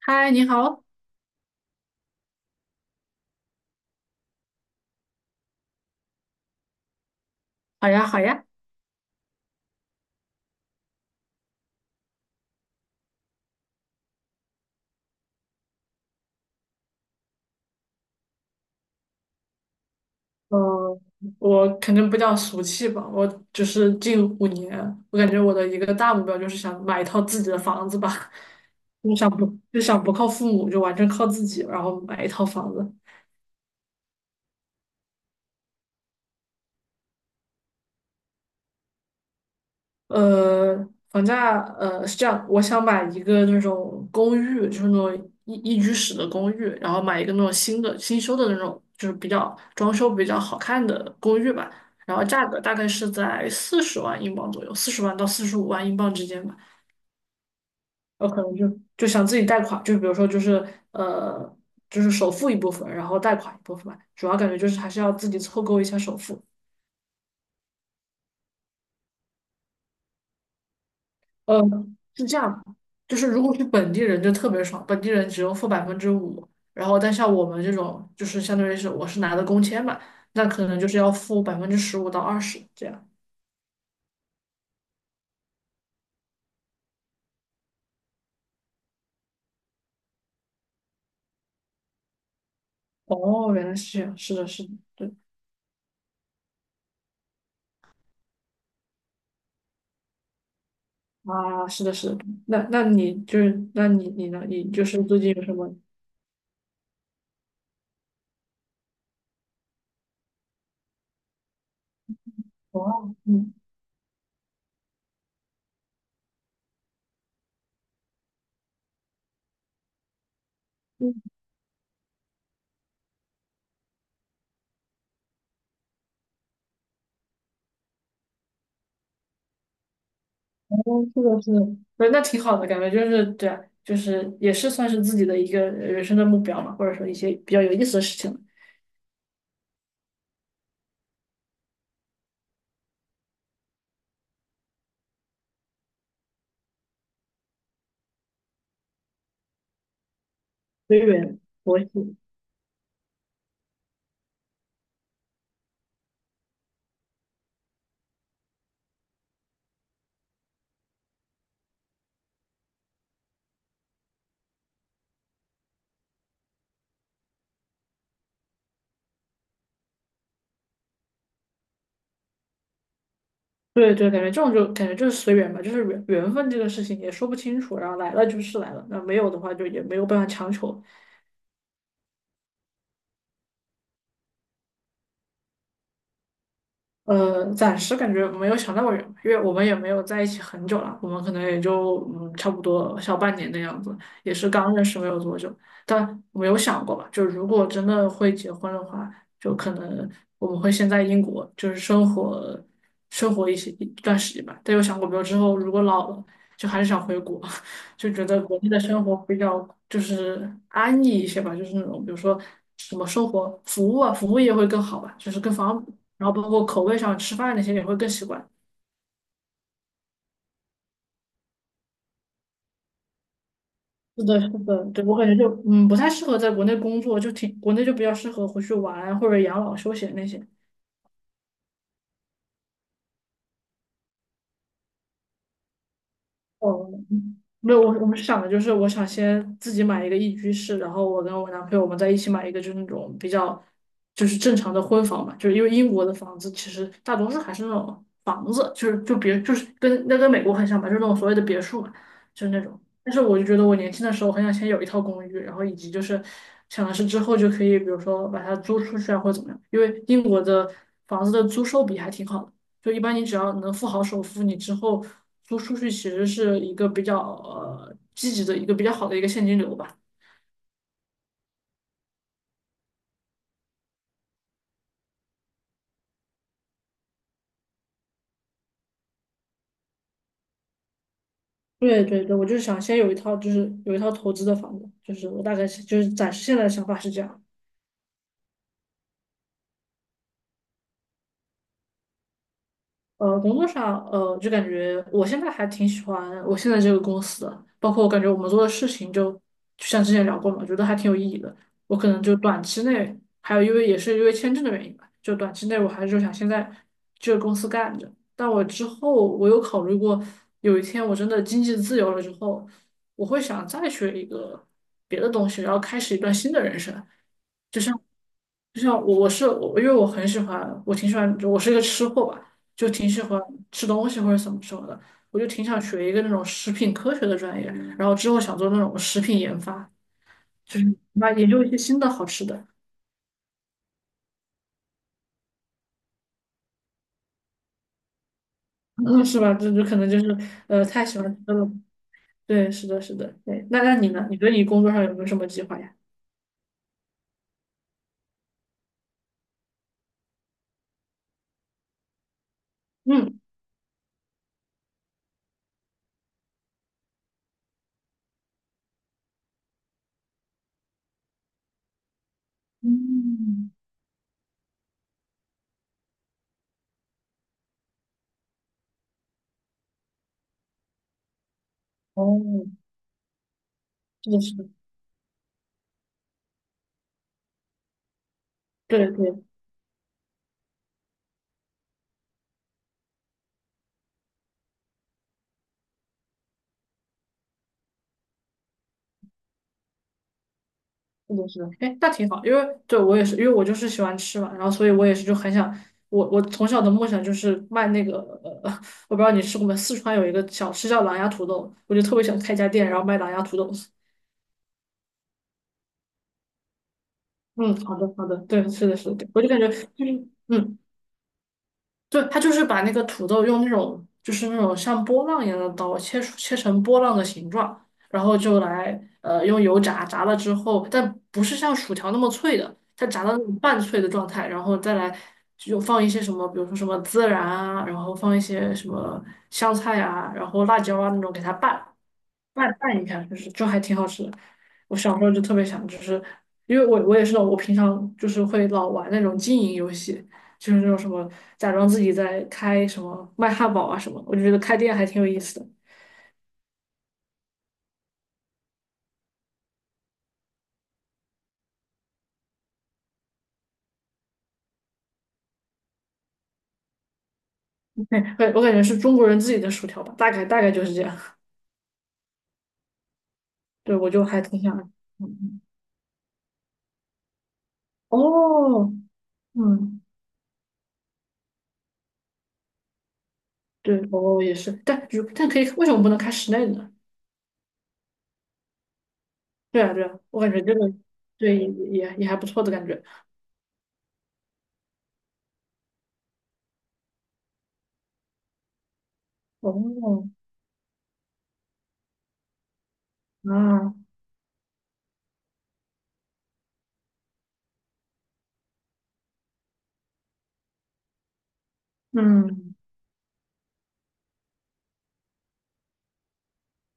嗨，你好。好呀，好呀。嗯，我肯定不气吧。我就是近五年，我感觉我的一个大目标就是想买一套自己的房子吧。就想不就想不靠父母，就完全靠自己，然后买一套房子。呃，房价是这样，我想买一个那种公寓，就是那种一居室的公寓，然后买一个那种新修的那种，就是比较装修比较好看的公寓吧。然后价格大概是在四十万英镑左右，四十万到四十五万英镑之间吧。我可能就想自己贷款，就比如说呃，就是首付一部分，然后贷款一部分吧。主要感觉就是还是要自己凑够一下首付。呃，是这样的，就是如果是本地人就特别爽，本地人只用付百分之五，然后但像我们这种就是相当于是我是拿的工签嘛，那可能就是要付百分之十五到二十这样。哦，原来是这样，是的，是的。对啊，是的，是的。那你就是那你呢？你就是最近有什么？哦，嗯。嗯，是的，是的。对，那挺好的感觉，就是对啊，就是也是算是自己的一个人生的目标嘛，或者说一些比较有意思的事情。随缘。佛系。对对，感觉这种就感觉就是随缘吧，就是缘分这个事情也说不清楚，然后来了就是来了，那没有的话就也没有办法强求。暂时感觉没有想那么远，因为我们也没有在一起很久了，我们可能也就差不多小半年的样子，也是刚认识没有多久，但没有想过吧，就如果真的会结婚的话，就可能我们会先在英国就是生活一段时间吧，但有想过没有之后如果老了，就还是想回国。就觉得国内的生活比较就是安逸一些吧，就是那种比如说什么生活服务啊，服务业会更好吧，就是更方便，然后包括口味上吃饭那些也会更习惯。是的，是的。对，我感觉就不太适合在国内工作，就挺国内就比较适合回去玩啊或者养老休闲那些。哦，没有，我们是想的就是，我想先自己买一个一居室，然后我跟我男朋友我们在一起买一个，就是那种比较就是正常的婚房嘛，就是因为英国的房子其实大多数还是那种房子，就是跟跟美国很像吧，就是那种所谓的别墅嘛，就是那种。但是我就觉得我年轻的时候很想先有一套公寓，然后以及就是想的是之后就可以，比如说把它租出去啊，或者怎么样，因为英国的房子的租售比还挺好的。就一般你只要能付好首付，你之后租出去其实是一个比较积极的一个比较好的一个现金流吧。对对对，我就是想先有一套，就是有一套投资的房子，就是我大概是就是暂时现在的想法是这样。工作上，就感觉我现在还挺喜欢我现在这个公司的，包括我感觉我们做的事情就像之前聊过嘛，觉得还挺有意义的。我可能就短期内，还有因为也是因为签证的原因吧，就短期内我还是就想现在这个公司干着。但我之后我有考虑过，有一天我真的经济自由了之后，我会想再学一个别的东西，然后开始一段新的人生。就像就像我我是我，因为我很喜欢，我挺喜欢，我是一个吃货吧，就挺喜欢吃东西或者怎么什么的，我就挺想学一个那种食品科学的专业，然后之后想做那种食品研发，就是那研究一些新的好吃的。嗯，是吧？这就可能就是太喜欢吃了。对，是的，是的。对。那你呢？你对你工作上有没有什么计划呀？嗯嗯。哦，是的，是的。对对。是的，是的。哎，那挺好，因为对我也是，因为我就是喜欢吃嘛，然后所以我也是就很想，我我从小的梦想就是卖那个，呃，我不知道你吃过没，四川有一个小吃叫狼牙土豆，我就特别想开一家店，然后卖狼牙土豆。嗯，好的，好的。对，是的，是的。对我就感觉就是，嗯。对，他就是把那个土豆用那种就是那种像波浪一样的刀切成波浪的形状，然后就来用油炸，炸了之后，但不是像薯条那么脆的，它炸到那种半脆的状态，然后再来就放一些什么，比如说什么孜然啊，然后放一些什么香菜啊，然后辣椒啊那种给它拌，拌拌一下，就是就还挺好吃的。我小时候就特别想，就是因为我也是那种我平常就是会老玩那种经营游戏，就是那种什么假装自己在开什么卖汉堡啊什么我就觉得开店还挺有意思的。对，我感觉是中国人自己的薯条吧，大概大概就是这样。对，我就还挺想。嗯嗯。哦。嗯。对。哦也是，但如但可以，为什么不能开室内的呢？对啊，对啊，我感觉这个对也还不错的感觉。哦。啊。嗯。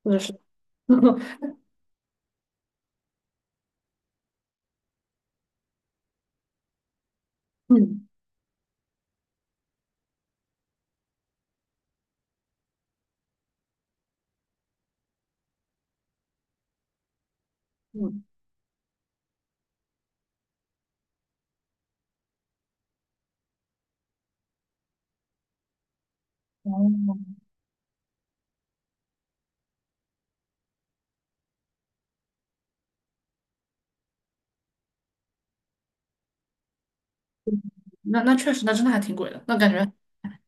是的，是的。嗯嗯。哦，那确实，那真的还挺贵的。那感觉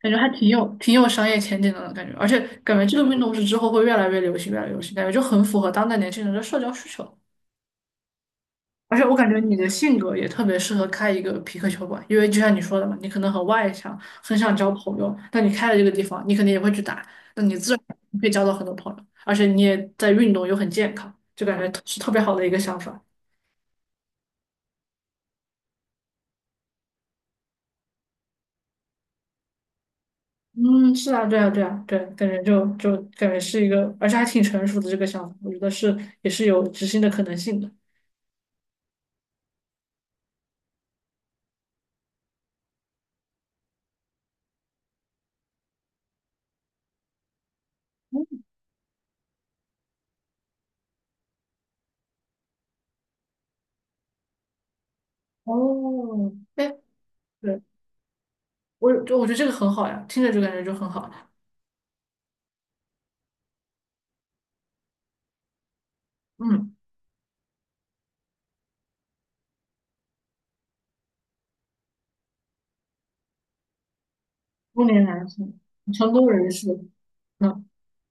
感觉还挺有商业前景的呢，感觉，而且感觉这个运动是之后会越来越流行，越来越流行，感觉就很符合当代年轻人的社交需求。而且我感觉你的性格也特别适合开一个皮克球馆，因为就像你说的嘛，你可能很外向，很想交朋友，那你开了这个地方，你肯定也会去打，那你自然会交到很多朋友，而且你也在运动又很健康，就感觉是特别好的一个想法。嗯，是啊，对啊，对啊。对，感觉就就感觉是一个，而且还挺成熟的这个想法，我觉得是也是有执行的可能性的。哦，哎。对，我就我觉得这个很好呀，听着就感觉就很好。嗯，中年男性，成功人士。嗯。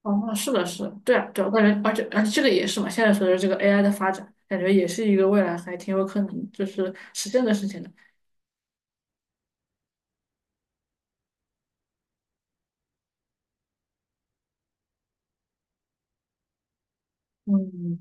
哦，那是的，是的。对啊，对啊，我感觉，而且这个也是嘛，现在随着这个 AI 的发展，感觉也是一个未来还挺有可能就是实现的事情的。嗯，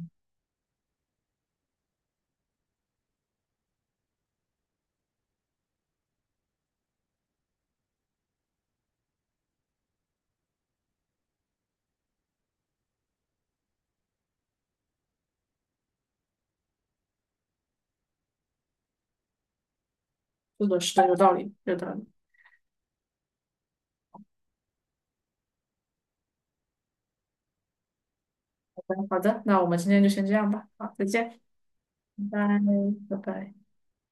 是的，是的。有道理，有道理。好的，好的，那我们今天就先这样吧。好，再见。拜拜，拜拜。